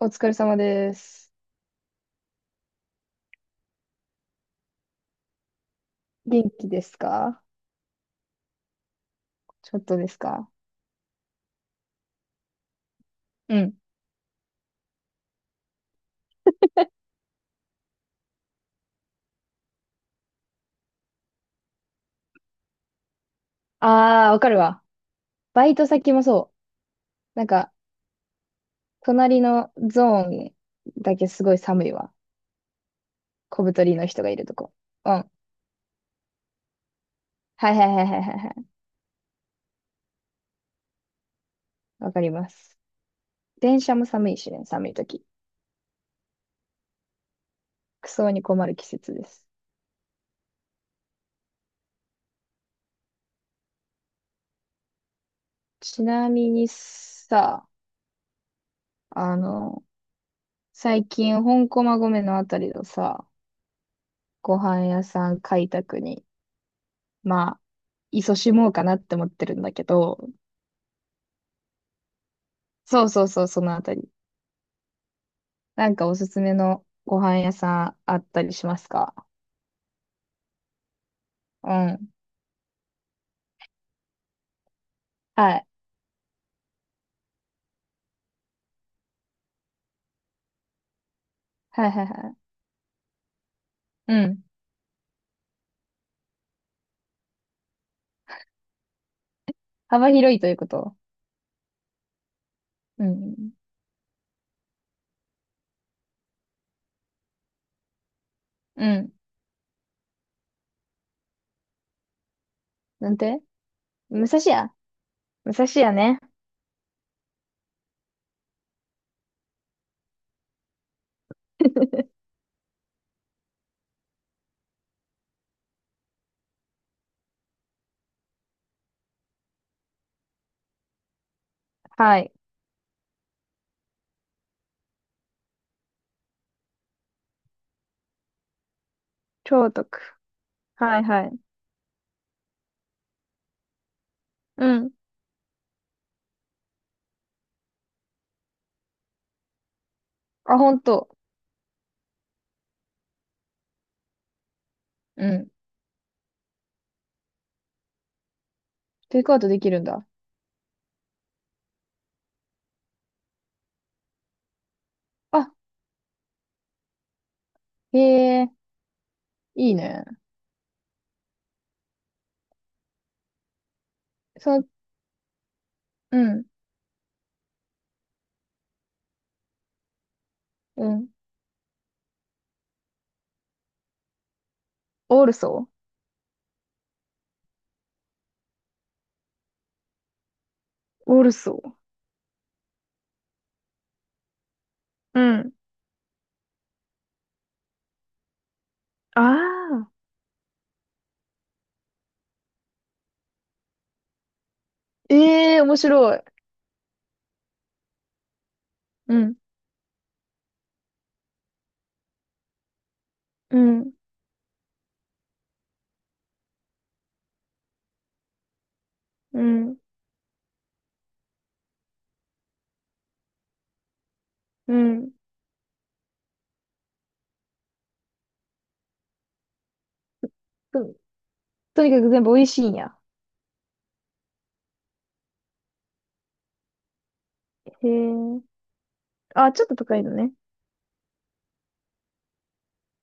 お疲れ様です。元気ですか？ちょっとですか？うん。ああ、わかるわ。バイト先もそう。なんか、隣のゾーンだけすごい寒いわ。小太りの人がいるとこ。うん。はいはいはいはいはいはい。わかります。電車も寒いしね、寒い時。クソに困る季節です。ちなみにさ、あの、最近、本駒込のあたりのさ、ご飯屋さん開拓にまあ、勤しもうかなって思ってるんだけど、そうそうそう、そのあたり。なんかおすすめのご飯屋さんあったりしますか？うん。はい。はいはいはい。うん。幅広いということ。うん。うん。なんて？武蔵屋、武蔵屋ね。はい。超徳、はいはい。うん。あ、ほんと？うん。テイクアウトできるんだ。あ、へえ、いいね。その、うん、うん。オールソー、オールソー。うん。ああ。ええー、面白い。うん、うん、うん、うん。と、とにかく全部美味しいんや？へえ。あ、ちょっと高いのね。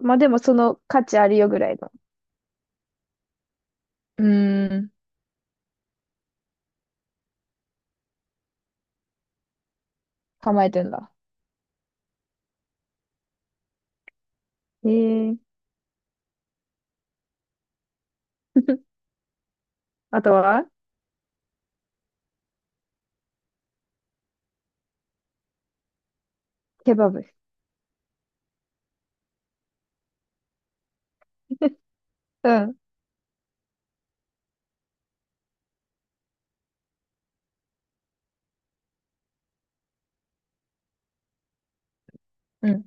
まあでもその価値あるよぐらいの。うーん、構えてんだ。へえ。あとは？ケバブ。うん、うん、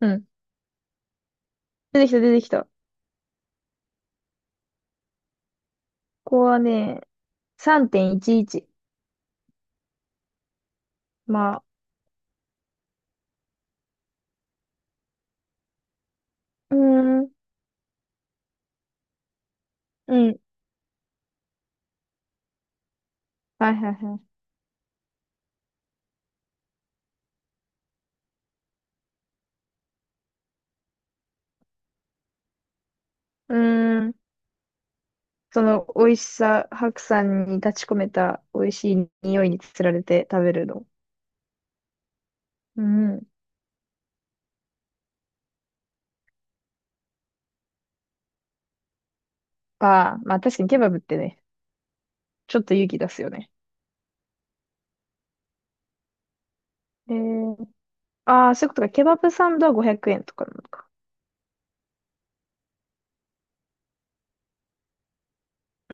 うん。出てきた、出てきた。ここはね、3.11。まあ、うーん、うん。はいはいはい。うーん。その美味しさ、白山に立ち込めた美味しい匂いにつられて食べるの？うん。あ、まあ確かにケバブってね、ちょっと勇気出すよね。えー、ああ、そういうことか。ケバブサンドは500円とかなのか。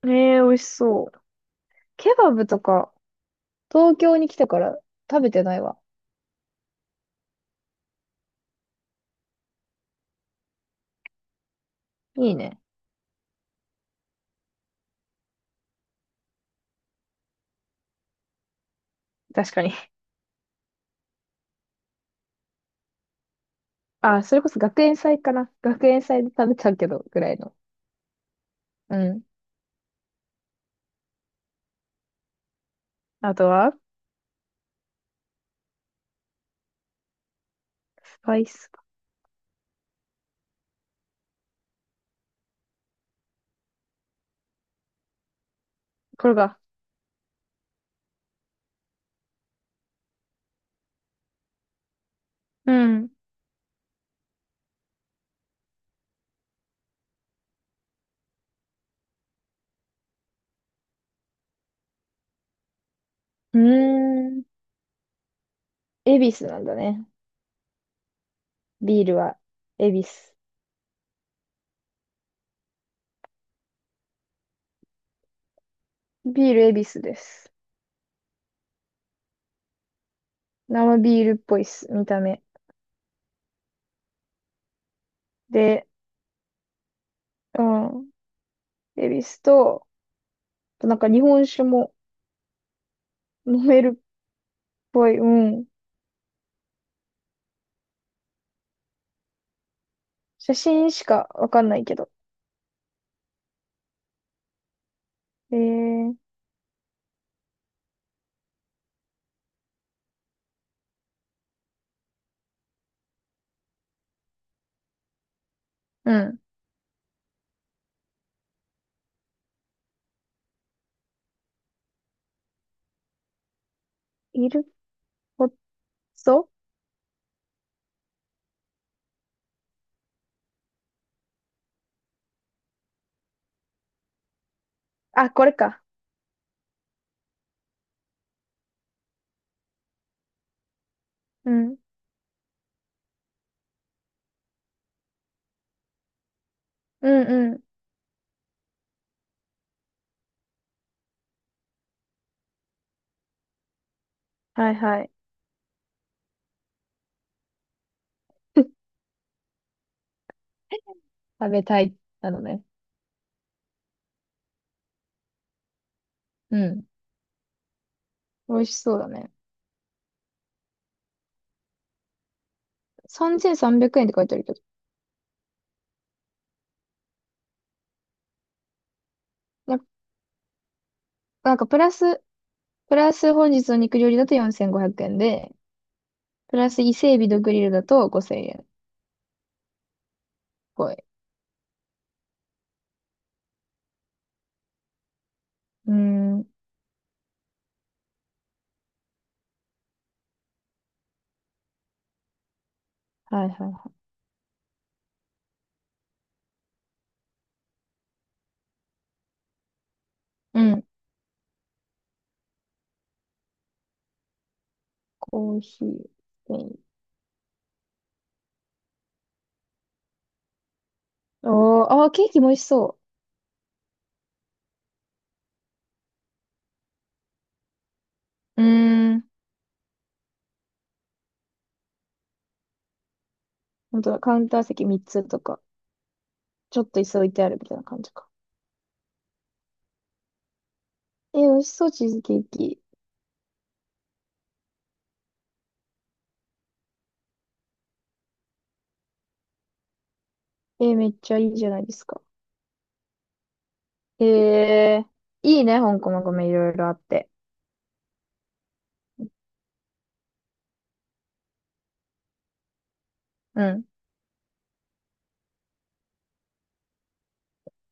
ええ、美味しそう。ケバブとか、東京に来てから食べてないわ。いいね。確かに。ああ、それこそ学園祭かな。学園祭で食べたけど、ぐらいの。うん。あとは、スパイス。これが。うん。うーん。恵比寿なんだね。ビールは、恵比寿。ビール恵比寿です。生ビールっぽいっす、見た目。で、うん。恵比寿と、あとなんか日本酒も飲めるっぽい。うん。写真しかわかんないけど。えー、うん。イルポッツォ、あ、これか。うん。うん、うん。はいはい。食べたい、なのね。うん。美味しそうだね。3300円って書いてあるけど。な、なんかプラス、プラス本日の肉料理だと4500円で、プラス伊勢海老とグリルだと5000円っぽい。うーん。はいはいはい。うん。コーヒー。おー、あー、ケーキも美味しそう。うーん。本当だ、カウンター席3つとか、ちょっと椅子置いてあるみたいな感じか。えー、美味しそう、チーズケーキ。えー、めっちゃいいじゃないですか。えー、いいね、香港のグルメいろいろあって。うん。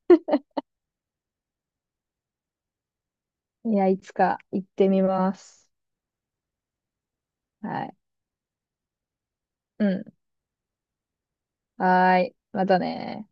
いや、いつか行ってみます。はい。うん。はーい。またね。